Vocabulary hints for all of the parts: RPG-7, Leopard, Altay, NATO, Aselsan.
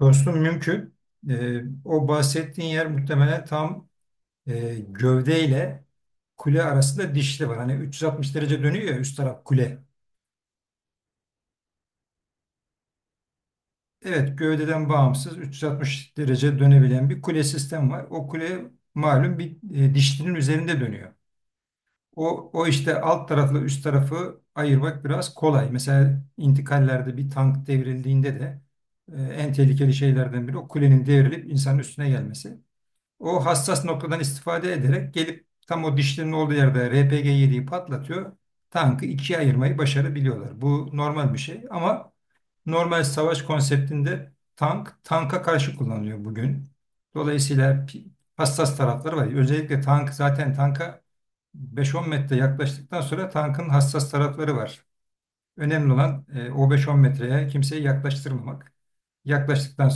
Dostum mümkün. O bahsettiğin yer muhtemelen tam gövdeyle kule arasında dişli var. Hani 360 derece dönüyor ya üst taraf kule. Evet gövdeden bağımsız 360 derece dönebilen bir kule sistem var. O kule malum bir dişlinin üzerinde dönüyor. O işte alt tarafla üst tarafı ayırmak biraz kolay. Mesela intikallerde bir tank devrildiğinde de en tehlikeli şeylerden biri o kulenin devrilip insanın üstüne gelmesi. O hassas noktadan istifade ederek gelip tam o dişlerin olduğu yerde RPG-7'yi patlatıyor. Tankı ikiye ayırmayı başarabiliyorlar. Bu normal bir şey ama normal savaş konseptinde tank tanka karşı kullanılıyor bugün. Dolayısıyla hassas tarafları var. Özellikle tank zaten tanka 5-10 metre yaklaştıktan sonra tankın hassas tarafları var. Önemli olan o 5-10 metreye kimseyi yaklaştırmamak. Yaklaştıktan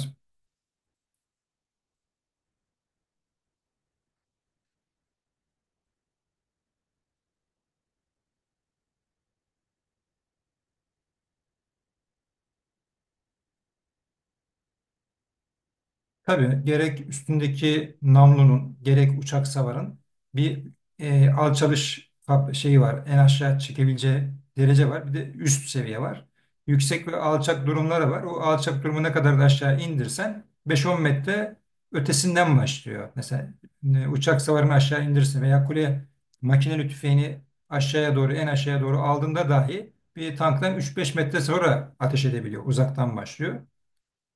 tabii gerek üstündeki namlunun gerek uçak savarın bir alçalış şeyi var. En aşağı çekebileceği derece var. Bir de üst seviye var. Yüksek ve alçak durumları var. O alçak durumu ne kadar da aşağı indirsen 5-10 metre ötesinden başlıyor. Mesela uçak savarını aşağı indirsin veya kule makineli tüfeğini aşağıya doğru en aşağıya doğru aldığında dahi bir tanktan 3-5 metre sonra ateş edebiliyor. Uzaktan başlıyor.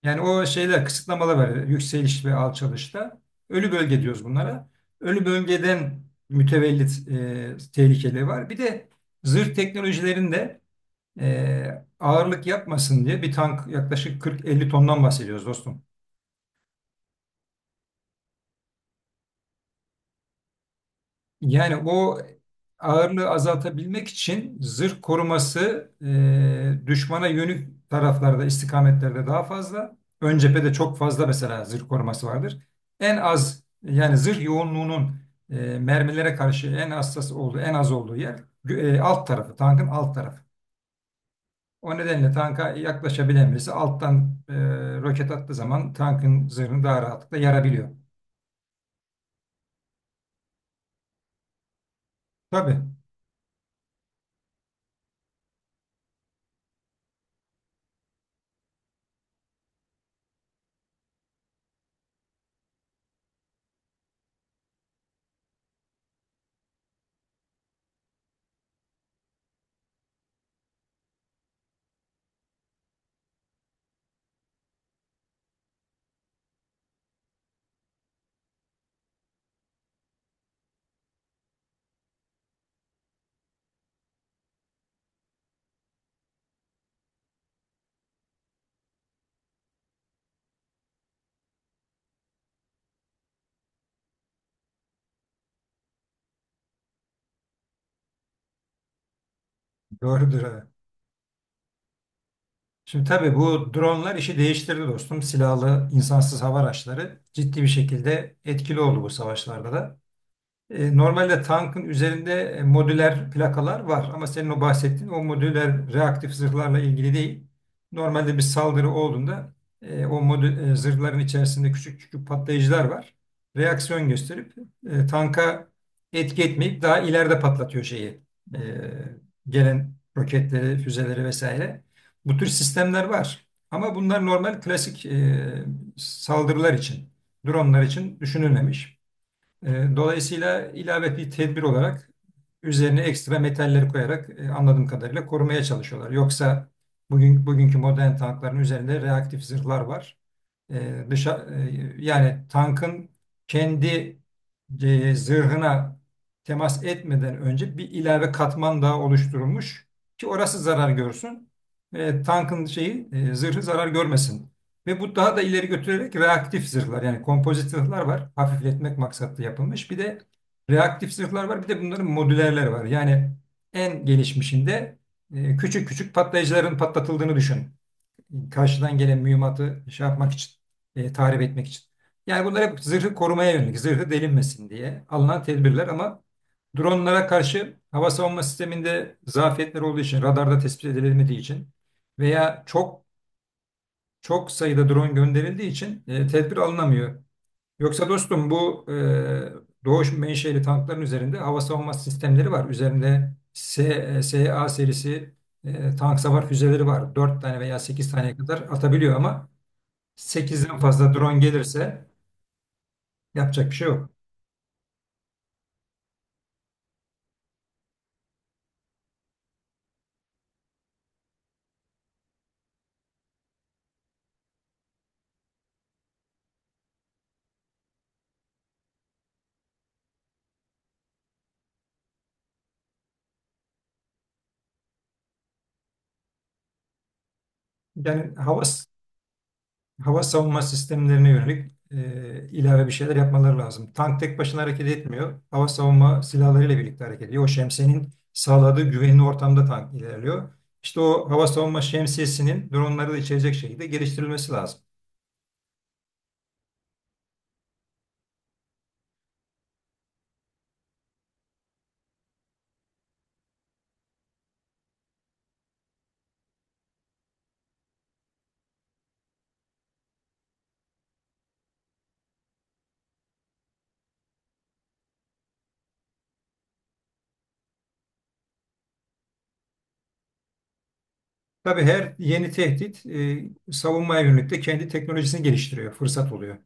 Yani o şeyler kısıtlamalar var. Yükseliş ve alçalışta. Ölü bölge diyoruz bunlara. Ölü bölgeden mütevellit tehlikeleri var. Bir de zırh teknolojilerinde ağırlık yapmasın diye bir tank yaklaşık 40-50 tondan bahsediyoruz dostum. Yani o ağırlığı azaltabilmek için zırh koruması düşmana yönük taraflarda, istikametlerde daha fazla. Ön cephede çok fazla mesela zırh koruması vardır. En az yani zırh yoğunluğunun mermilere karşı en hassas olduğu, en az olduğu yer alt tarafı, tankın alt tarafı. O nedenle tanka yaklaşabilen birisi alttan roket attığı zaman tankın zırhını daha rahatlıkla yarabiliyor. Tabii, doğrudur. Evet. Şimdi tabii bu dronlar işi değiştirdi dostum. Silahlı insansız hava araçları ciddi bir şekilde etkili oldu bu savaşlarda da. Normalde tankın üzerinde modüler plakalar var ama senin o bahsettiğin o modüler reaktif zırhlarla ilgili değil. Normalde bir saldırı olduğunda o zırhların içerisinde küçük küçük patlayıcılar var. Reaksiyon gösterip tanka etki etmeyip daha ileride patlatıyor şeyi. E, Gelen roketleri, füzeleri vesaire. Bu tür sistemler var. Ama bunlar normal klasik saldırılar için, dronlar için düşünülmemiş. Dolayısıyla ilave bir tedbir olarak üzerine ekstra metalleri koyarak anladığım kadarıyla korumaya çalışıyorlar. Yoksa bugünkü modern tankların üzerinde reaktif zırhlar var. Yani tankın kendi zırhına temas etmeden önce bir ilave katman daha oluşturulmuş ki orası zarar görsün. Tankın zırhı zarar görmesin. Ve bu daha da ileri götürerek reaktif zırhlar yani kompozit zırhlar var. Hafifletmek maksatlı yapılmış. Bir de reaktif zırhlar var. Bir de bunların modülerleri var. Yani en gelişmişinde küçük küçük patlayıcıların patlatıldığını düşün karşıdan gelen mühimmatı şey yapmak için, tahrip etmek için. Yani bunlar hep zırhı korumaya yönelik, zırhı delinmesin diye alınan tedbirler ama dronlara karşı hava savunma sisteminde zafiyetler olduğu için, radarda tespit edilemediği için veya çok çok sayıda drone gönderildiği için tedbir alınamıyor. Yoksa dostum bu Doğuş menşeli tankların üzerinde hava savunma sistemleri var. Üzerinde SA serisi tank savar füzeleri var. 4 tane veya 8 taneye kadar atabiliyor ama 8'den fazla drone gelirse yapacak bir şey yok. Yani hava savunma sistemlerine yönelik ilave bir şeyler yapmaları lazım. Tank tek başına hareket etmiyor. Hava savunma silahlarıyla birlikte hareket ediyor. O şemsiyenin sağladığı güvenli ortamda tank ilerliyor. İşte o hava savunma şemsiyesinin dronları da içerecek şekilde geliştirilmesi lazım. Tabii her yeni tehdit savunmaya yönelik de kendi teknolojisini geliştiriyor, fırsat oluyor.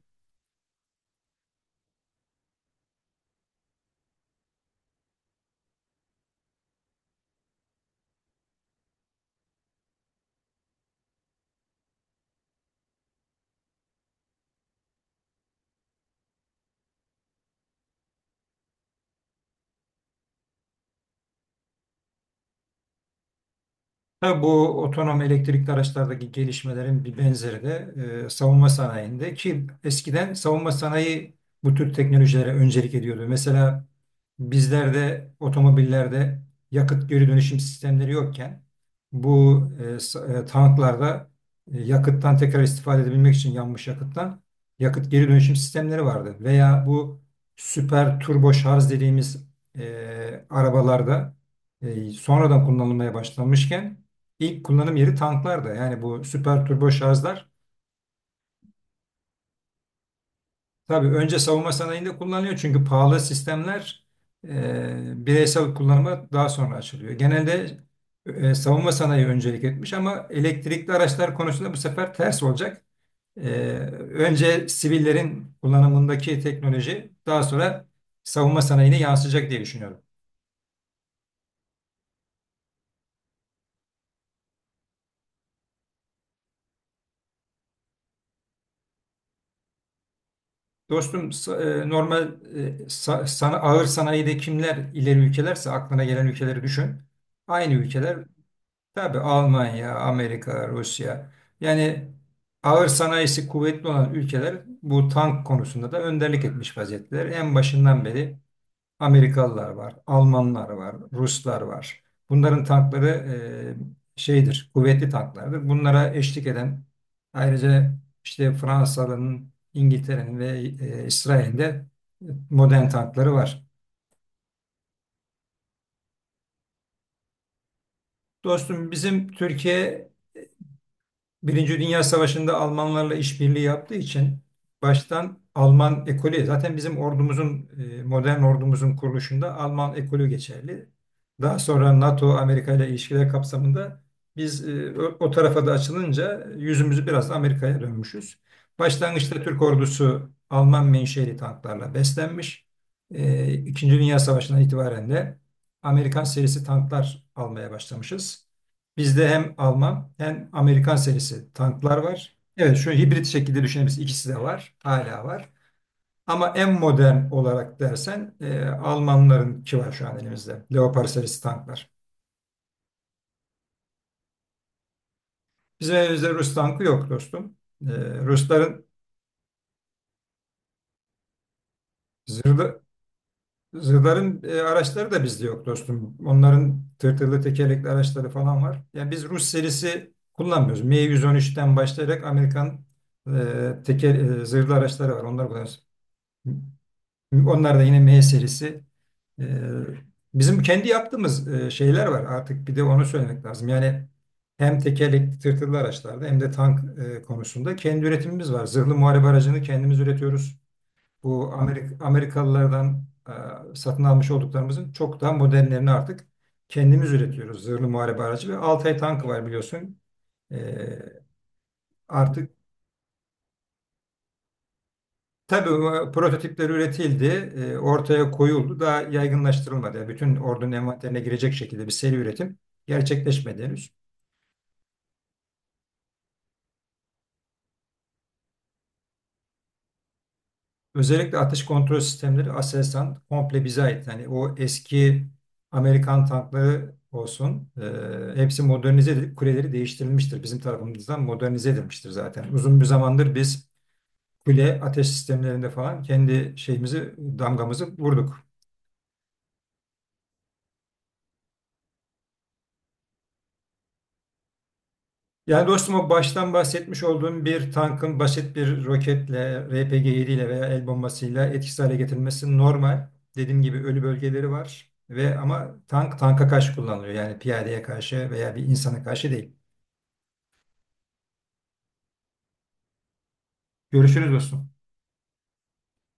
Ha, bu otonom elektrikli araçlardaki gelişmelerin bir benzeri de savunma sanayinde ki eskiden savunma sanayi bu tür teknolojilere öncelik ediyordu. Mesela bizlerde otomobillerde yakıt geri dönüşüm sistemleri yokken bu tanklarda yakıttan tekrar istifade edebilmek için yanmış yakıttan yakıt geri dönüşüm sistemleri vardı. Veya bu süper turbo şarj dediğimiz arabalarda sonradan kullanılmaya başlanmışken İlk kullanım yeri tanklarda. Yani bu süper turbo şarjlar tabii önce savunma sanayinde kullanılıyor çünkü pahalı sistemler bireysel kullanıma daha sonra açılıyor. Genelde savunma sanayi öncelik etmiş ama elektrikli araçlar konusunda bu sefer ters olacak. E, Önce sivillerin kullanımındaki teknoloji daha sonra savunma sanayine yansıyacak diye düşünüyorum. Dostum normal ağır sanayide kimler ileri ülkelerse aklına gelen ülkeleri düşün. Aynı ülkeler. Tabii Almanya, Amerika, Rusya. Yani ağır sanayisi kuvvetli olan ülkeler bu tank konusunda da önderlik etmiş vaziyetteler. En başından beri Amerikalılar var, Almanlar var, Ruslar var. Bunların tankları şeydir, kuvvetli tanklardır. Bunlara eşlik eden ayrıca işte Fransa'nın, İngiltere'nin ve İsrail'in de modern tankları var. Dostum bizim Türkiye Birinci Dünya Savaşı'nda Almanlarla işbirliği yaptığı için baştan Alman ekolü zaten modern ordumuzun kuruluşunda Alman ekolü geçerli. Daha sonra NATO Amerika ile ilişkiler kapsamında biz o tarafa da açılınca yüzümüzü biraz da Amerika'ya dönmüşüz. Başlangıçta Türk ordusu Alman menşeli tanklarla beslenmiş. İkinci Dünya Savaşı'ndan itibaren de Amerikan serisi tanklar almaya başlamışız. Bizde hem Alman hem Amerikan serisi tanklar var. Evet şu hibrit şekilde düşünebiliriz. İkisi de var. Hala var. Ama en modern olarak dersen Almanlarınki var şu an elimizde. Leopard serisi tanklar. Bizim elimizde Rus tankı yok dostum. E, Rusların zırhlı, zırhların araçları da bizde yok dostum. Onların tırtırlı tekerlekli araçları falan var. Yani biz Rus serisi kullanmıyoruz. M113'ten başlayarak Amerikan zırhlı araçları var. Onlar kullanıyoruz. Onlar da yine M serisi. Ee, Bizim kendi yaptığımız şeyler var artık bir de onu söylemek lazım. Yani hem tekerlekli tırtıklı araçlarda hem de tank konusunda kendi üretimimiz var. Zırhlı muharebe aracını kendimiz üretiyoruz. Bu Amerikalılardan satın almış olduklarımızın çok daha modernlerini artık kendimiz üretiyoruz. Zırhlı muharebe aracı ve Altay tankı var biliyorsun. Ee, artık Tabii bu prototipler üretildi, ortaya koyuldu, daha yaygınlaştırılmadı. Yani bütün ordunun envanterine girecek şekilde bir seri üretim gerçekleşmedi henüz. Özellikle atış kontrol sistemleri Aselsan komple bize ait. Yani o eski Amerikan tankları olsun, hepsi modernize edilip kuleleri değiştirilmiştir. Bizim tarafımızdan modernize edilmiştir zaten. Uzun bir zamandır biz kule ateş sistemlerinde falan kendi şeyimizi, damgamızı vurduk. Yani dostum o baştan bahsetmiş olduğum bir tankın basit bir roketle, RPG-7 ile veya el bombasıyla etkisiz hale getirilmesi normal. Dediğim gibi ölü bölgeleri var ve ama tank tanka karşı kullanılıyor. Yani piyadeye karşı veya bir insana karşı değil. Görüşürüz dostum.